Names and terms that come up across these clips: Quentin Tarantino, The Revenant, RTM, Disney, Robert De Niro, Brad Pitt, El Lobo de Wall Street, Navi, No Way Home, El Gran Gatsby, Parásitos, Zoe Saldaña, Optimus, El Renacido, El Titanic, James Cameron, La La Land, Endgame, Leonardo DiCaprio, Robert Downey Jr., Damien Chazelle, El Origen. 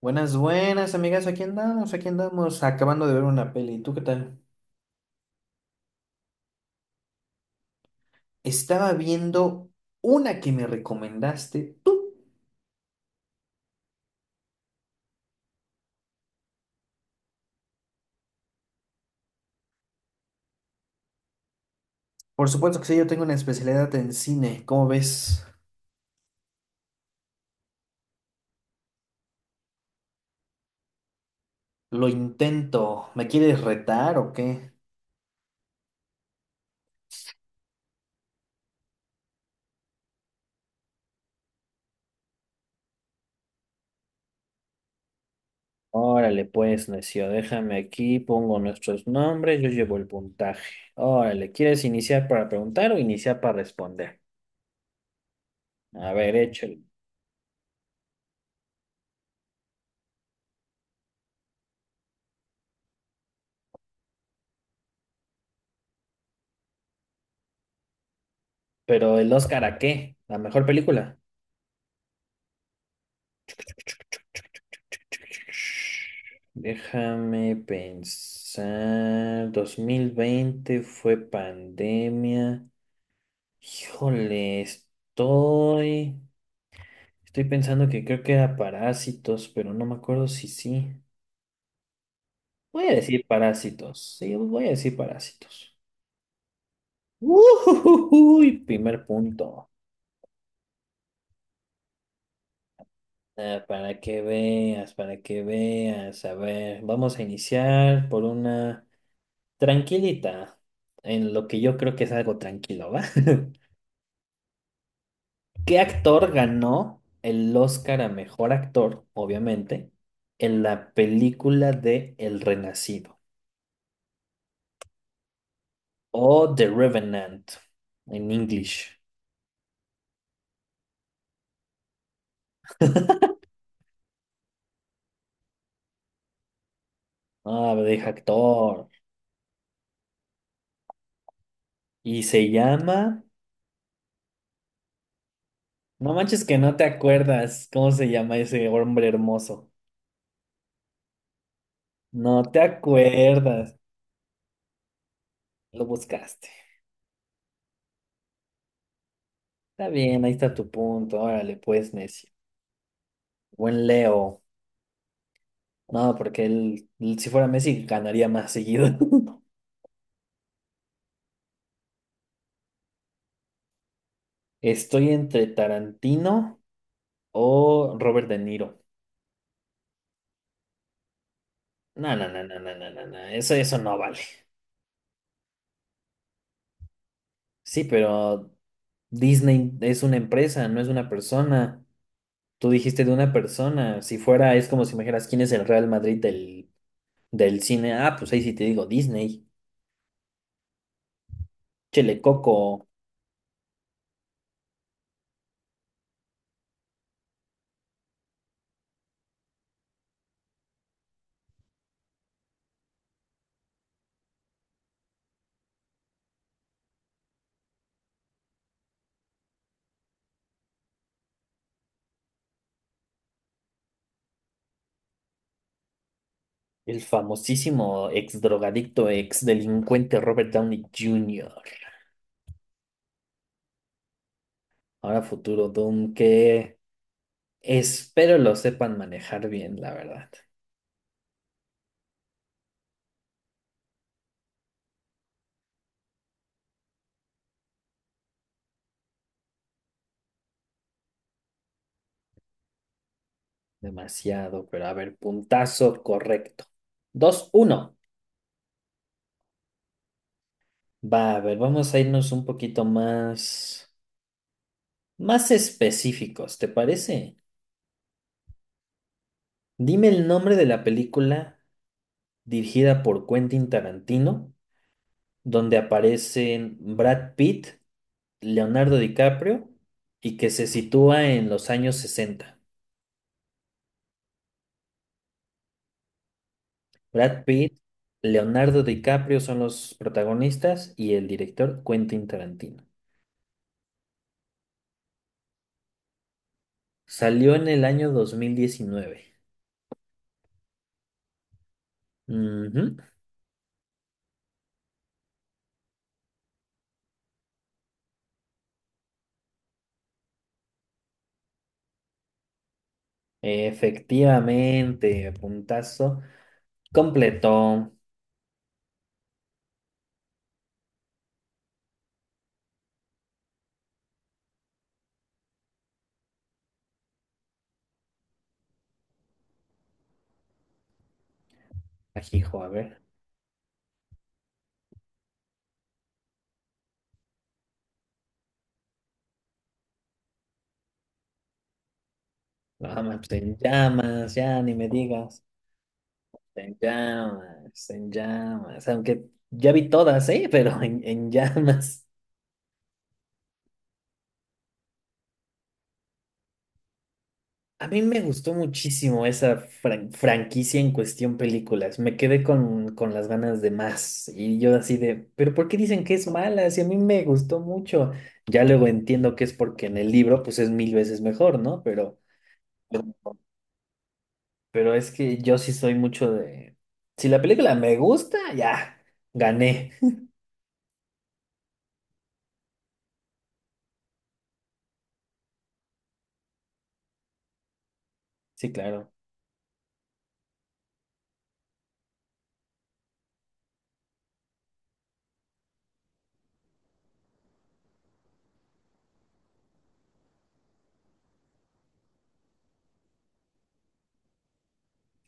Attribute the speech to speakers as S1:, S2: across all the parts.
S1: Buenas, buenas, amigas. Aquí andamos, acabando de ver una peli. ¿Tú qué tal? Estaba viendo una que me recomendaste tú. Por supuesto que sí, yo tengo una especialidad en cine. ¿Cómo ves? Lo intento. ¿Me quieres retar o qué? Órale, pues, necio, déjame aquí, pongo nuestros nombres, yo llevo el puntaje. Órale, ¿quieres iniciar para preguntar o iniciar para responder? A ver, échale. Pero el Oscar, ¿a qué? ¿La mejor película? Déjame pensar. 2020 fue pandemia. Híjole, estoy. Estoy pensando que creo que era parásitos, pero no me acuerdo si sí. Voy a decir parásitos. Sí, voy a decir parásitos. Uy, primer punto. Ah, para que veas, para que veas. A ver, vamos a iniciar por una. Tranquilita, en lo que yo creo que es algo tranquilo, ¿va? ¿Qué actor ganó el Oscar a mejor actor, obviamente, en la película de El Renacido o The Revenant en English? Ah, deja actor. Y se llama. No manches que no te acuerdas cómo se llama ese hombre hermoso. No te acuerdas. Lo buscaste. Está bien, ahí está tu punto. Órale, pues, necio. Buen Leo. No, porque él, si fuera Messi, ganaría más seguido. Estoy entre Tarantino o Robert De Niro. No, no, no, no, no, no, no, no. Eso no vale. Sí, pero Disney es una empresa, no es una persona. Tú dijiste de una persona. Si fuera, es como si me dijeras quién es el Real Madrid del cine. Ah, pues ahí sí te digo Disney. Chele Coco, el famosísimo ex drogadicto, ex delincuente Robert Downey Jr. Ahora futuro Doom, ¿qué? Espero lo sepan manejar bien, la verdad. Demasiado, pero a ver, puntazo correcto. Dos uno. Va, a ver, vamos a irnos un poquito más, más específicos, ¿te parece? Dime el nombre de la película dirigida por Quentin Tarantino, donde aparecen Brad Pitt, Leonardo DiCaprio y que se sitúa en los años 60. Brad Pitt, Leonardo DiCaprio son los protagonistas y el director Quentin Tarantino. Salió en el año 2019. Ujú. Efectivamente, puntazo. Completó. Ajijo, a ver. No, pues, en llamas, ya ni me digas. En llamas, en llamas. Aunque ya vi todas, ¿eh? Pero en llamas. A mí me gustó muchísimo esa franquicia en cuestión películas. Me quedé con las ganas de más. Y yo así de, ¿pero por qué dicen que es mala? Si a mí me gustó mucho. Ya luego entiendo que es porque en el libro pues es mil veces mejor, ¿no? Pero es que yo sí soy mucho de... Si la película me gusta, ya, gané. Sí, claro.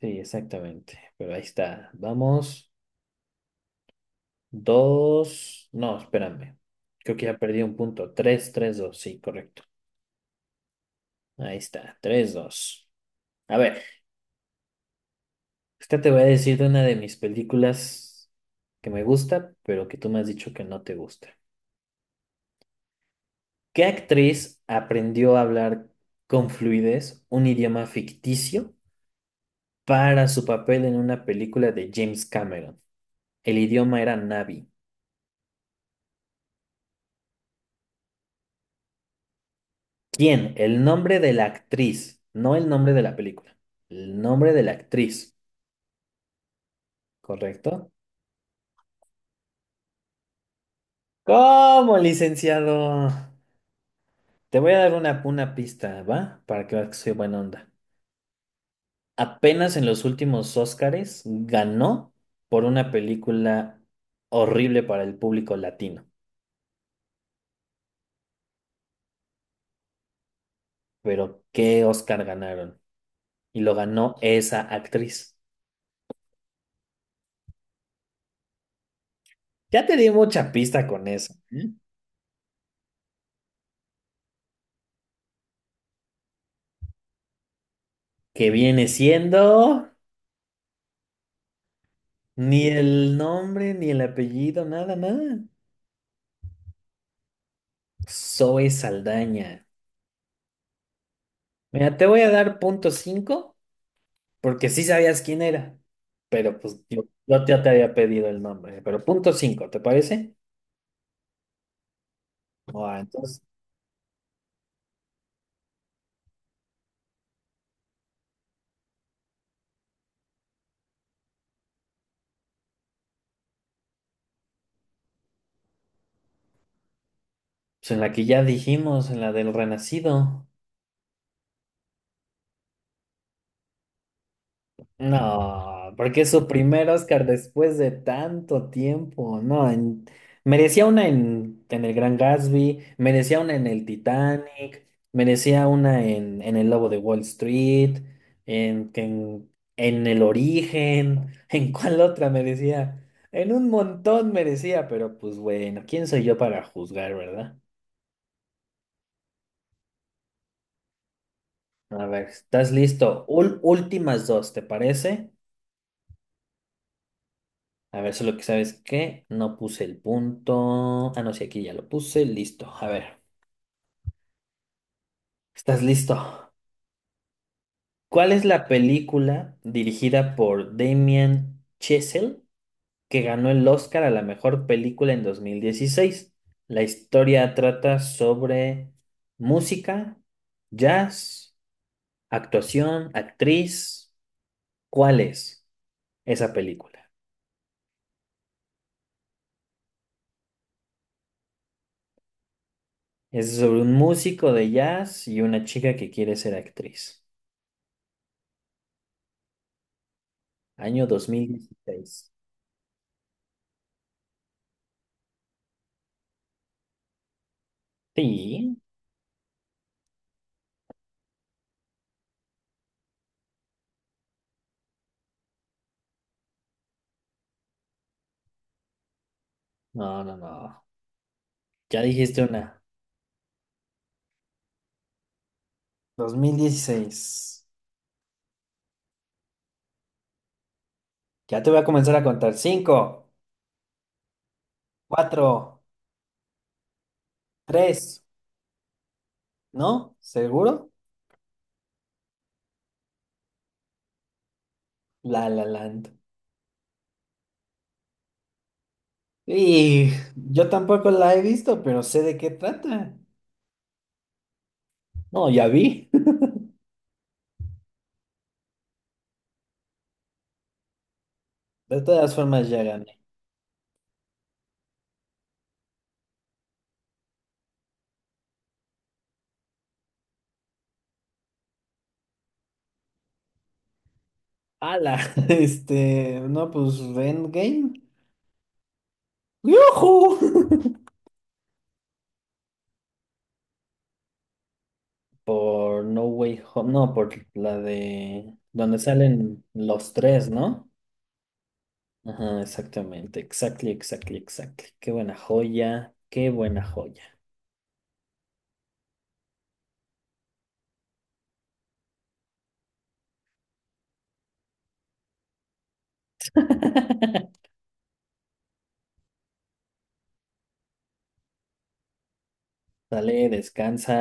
S1: Sí, exactamente. Pero ahí está. Vamos. Dos. No, espérame. Creo que ya perdí un punto. Tres, tres, dos. Sí, correcto. Ahí está, tres dos. A ver, esta te voy a decir de una de mis películas que me gusta, pero que tú me has dicho que no te gusta. ¿Qué actriz aprendió a hablar con fluidez un idioma ficticio para su papel en una película de James Cameron? El idioma era Navi. ¿Quién? El nombre de la actriz, no el nombre de la película. El nombre de la actriz, ¿correcto? ¿Cómo, licenciado? Te voy a dar una pista, ¿va? Para que veas que soy buena onda. Apenas en los últimos Óscares ganó por una película horrible para el público latino. Pero ¿qué Óscar ganaron? Y lo ganó esa actriz. Ya te di mucha pista con eso, ¿eh? Que viene siendo ni el nombre, ni el apellido, nada, nada. Zoe Saldaña. Mira, te voy a dar punto cinco porque sí sabías quién era, pero pues yo ya te había pedido el nombre. Pero punto cinco, ¿te parece? Ah, entonces, pues en la que ya dijimos, en la del renacido. No, porque es su primer Oscar después de tanto tiempo. No, merecía una en El Gran Gatsby, merecía una en El Titanic, merecía una en El Lobo de Wall Street, en, en, en El Origen, ¿en cuál otra merecía? En un montón merecía, pero pues bueno, ¿quién soy yo para juzgar, verdad? A ver, ¿estás listo? Últimas dos, ¿te parece? A ver, solo que sabes que no puse el punto. Ah, no, sí, aquí ya lo puse. Listo. A ver, ¿estás listo? ¿Cuál es la película dirigida por Damien Chazelle que ganó el Oscar a la mejor película en 2016? La historia trata sobre música, jazz, actuación, actriz. ¿Cuál es esa película? Es sobre un músico de jazz y una chica que quiere ser actriz. Año dos mil dieciséis. Sí. No, no, no. Ya dijiste una. Dos mil dieciséis. Ya te voy a comenzar a contar. Cinco, cuatro, tres. ¿No? ¿Seguro? La La Land. Y yo tampoco la he visto, pero sé de qué trata. No, ya vi. De todas formas, ya gané. Ala, este, no, pues Endgame. ¡Yujú! Por No Way Home, no, por la de donde salen los tres, ¿no? Ajá, exactamente, exactly, exactly, exactly. Qué buena joya, qué buena joya. Sale, descansa.